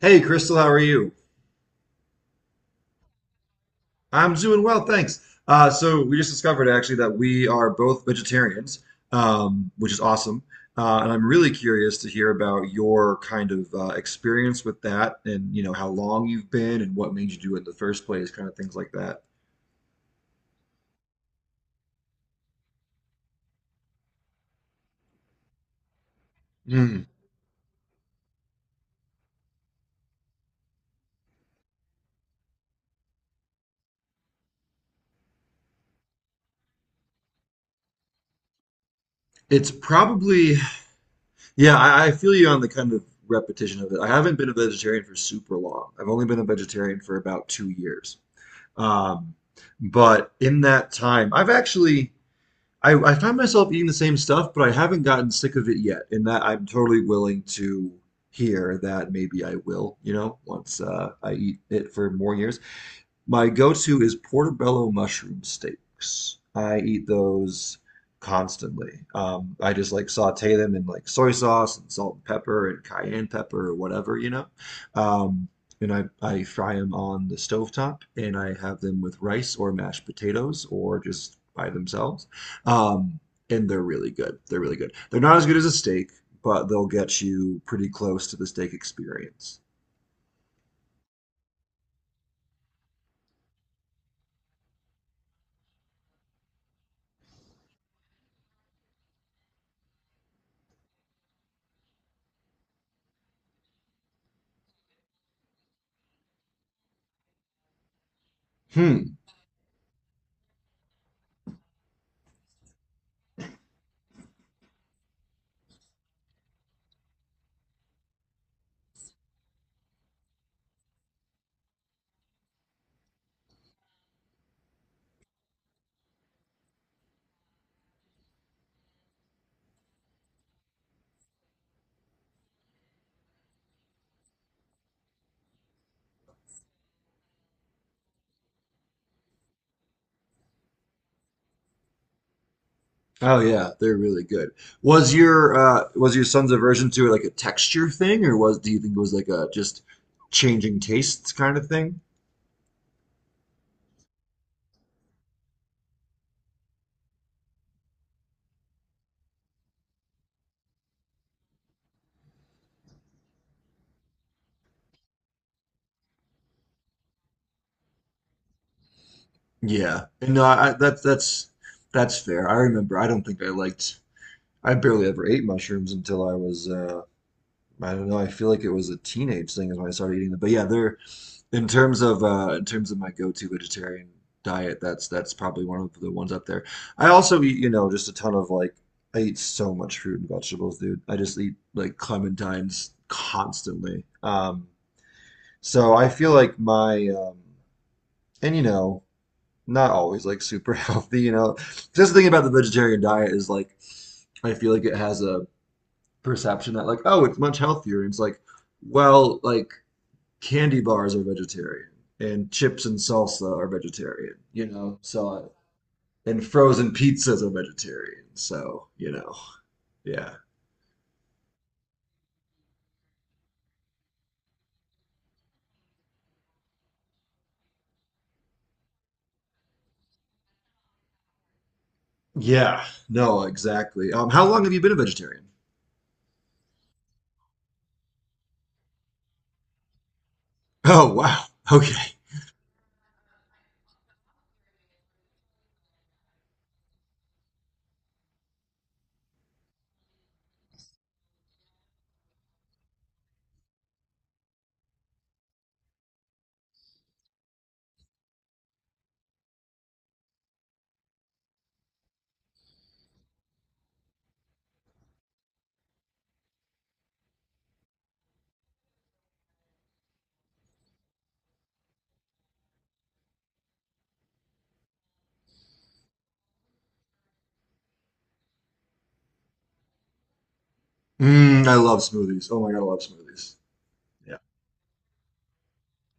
Hey, Crystal, how are you? I'm doing well, thanks. So we just discovered actually that we are both vegetarians, which is awesome. And I'm really curious to hear about your kind of experience with that, and you know how long you've been, and what made you do it in the first place, kind of things like that. Hmm. It's probably, yeah, I feel you on the kind of repetition of it. I haven't been a vegetarian for super long. I've only been a vegetarian for about 2 years. Um, but in that time, I find myself eating the same stuff, but I haven't gotten sick of it yet, and that I'm totally willing to hear that maybe I will, you know, once I eat it for more years. My go-to is portobello mushroom steaks. I eat those constantly. I just like saute them in like soy sauce and salt and pepper and cayenne pepper or whatever, you know. Um, and I fry them on the stovetop and I have them with rice or mashed potatoes or just by themselves. Um, and they're really good. They're really good. They're not as good as a steak, but they'll get you pretty close to the steak experience. Hmm. Oh yeah, they're really good. Was your son's aversion to it like a texture thing, or was do you think it was like a just changing tastes kind of thing? Yeah. And no, I that's fair. I remember. I don't think I liked. I barely ever ate mushrooms until I was I don't know. I feel like it was a teenage thing is when I started eating them. But yeah, they're in terms of my go-to vegetarian diet, that's probably one of the ones up there. I also eat, you know, just a ton of I eat so much fruit and vegetables, dude. I just eat like clementines constantly. So I feel like my and you know, not always like super healthy, you know. Just the thing about the vegetarian diet is like I feel like it has a perception that like, oh, it's much healthier. And it's like, well, like candy bars are vegetarian and chips and salsa are vegetarian, you know? So, and frozen pizzas are vegetarian. So, you know, yeah. Yeah, no, exactly. How long have you been a vegetarian? Oh, wow. Okay. Mm, I love smoothies. Oh my God, I love smoothies. Yeah.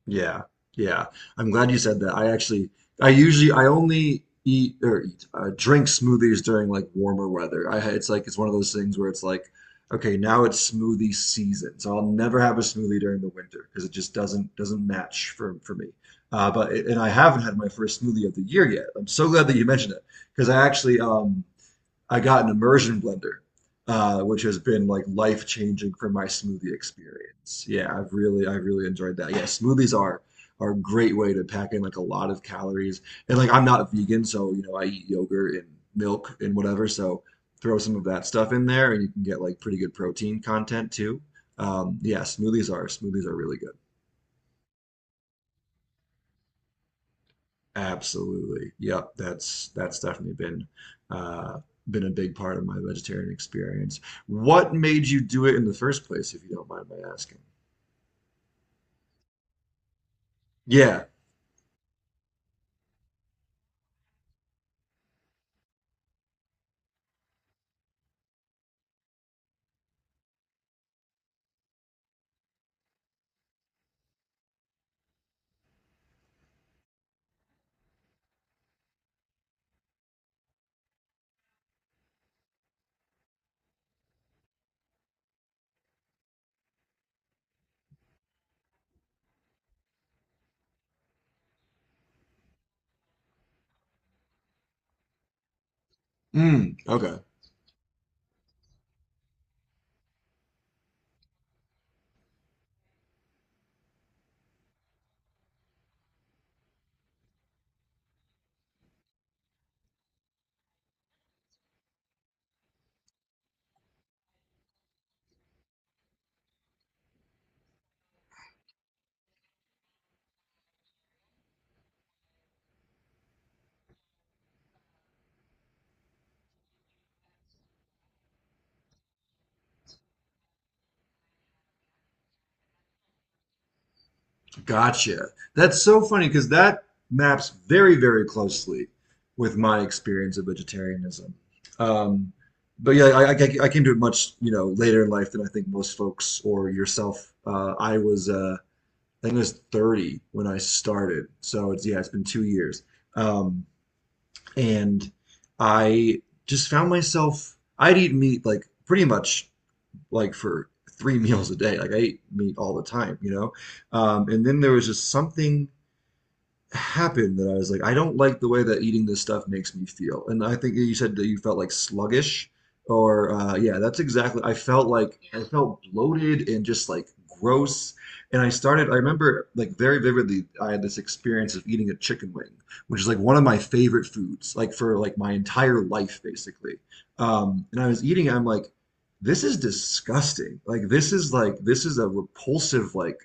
Yeah, yeah. I'm glad you said that. I actually, I usually, I only eat or eat, drink smoothies during like warmer weather. It's like it's one of those things where it's like, okay, now it's smoothie season, so I'll never have a smoothie during the winter because it just doesn't match for me. But and I haven't had my first smoothie of the year yet. I'm so glad that you mentioned it because I actually I got an immersion blender, which has been like life changing for my smoothie experience. Yeah, I've really enjoyed that. Yeah, smoothies are a great way to pack in like a lot of calories. And like I'm not vegan, so you know I eat yogurt and milk and whatever. So throw some of that stuff in there, and you can get like pretty good protein content too. Smoothies are really good. Absolutely. Yep. That's definitely uh, been a big part of my vegetarian experience. What made you do it in the first place, if you don't mind my asking? Yeah. Mm, okay. Gotcha. That's so funny because that maps very, very closely with my experience of vegetarianism. Um, but yeah, I came to it much, you know, later in life than I think most folks or yourself. I think I was 30 when I started. So it's yeah, it's been 2 years. Um, and I just found myself I'd eat meat like pretty much like for three meals a day. Like I ate meat all the time, you know? And then there was just something happened that I was like, I don't like the way that eating this stuff makes me feel. And I think you said that you felt like sluggish or yeah, that's exactly. I felt like I Yeah. felt bloated and just like gross. And I started, I remember like very vividly, I had this experience of eating a chicken wing, which is like one of my favorite foods, like for like my entire life basically. And I was eating, I'm like, this is disgusting. This is a repulsive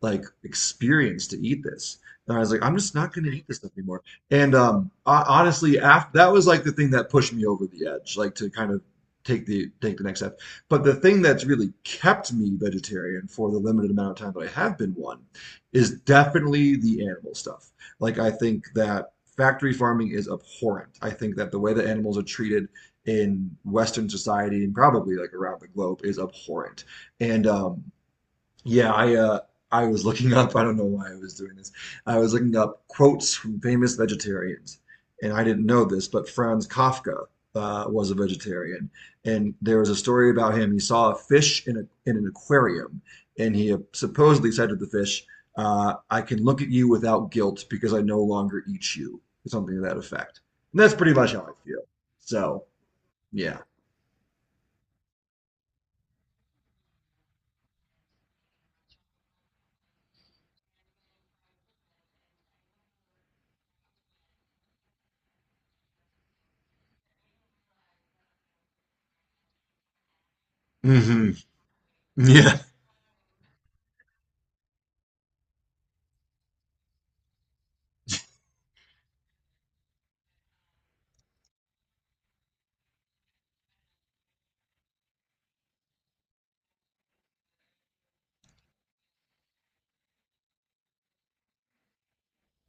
like experience to eat this. And I was like, I'm just not going to eat this stuff anymore. And honestly, after that was like the thing that pushed me over the edge, like to kind of take the next step. But the thing that's really kept me vegetarian for the limited amount of time that I have been one is definitely the animal stuff. Like I think that factory farming is abhorrent. I think that the way that animals are treated in Western society and probably like around the globe is abhorrent. And Yeah, I was looking up, I don't know why I was doing this. I was looking up quotes from famous vegetarians, and I didn't know this, but Franz Kafka was a vegetarian, and there was a story about him. He saw a fish in a in an aquarium, and he supposedly said to the fish, "I can look at you without guilt because I no longer eat you," or something to that effect. And that's pretty much how I feel. So, yeah. Hmm. Yeah.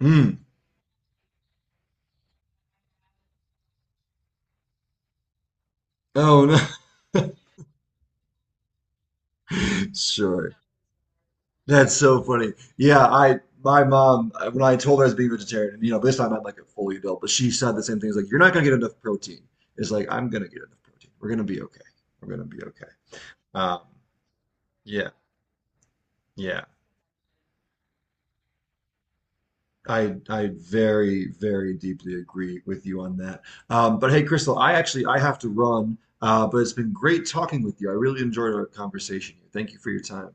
Mm. Oh no. Sure. That's so funny. Yeah, I my mom when I told her I was being vegetarian, and you know, this time I'm like a fully adult, but she said the same thing. It's like, you're not gonna get enough protein. It's like I'm gonna get enough protein. We're gonna be okay. We're gonna be okay. Um, yeah, yeah. I very very deeply agree with you on that. But hey, Crystal, I have to run. But it's been great talking with you. I really enjoyed our conversation here. Thank you for your time.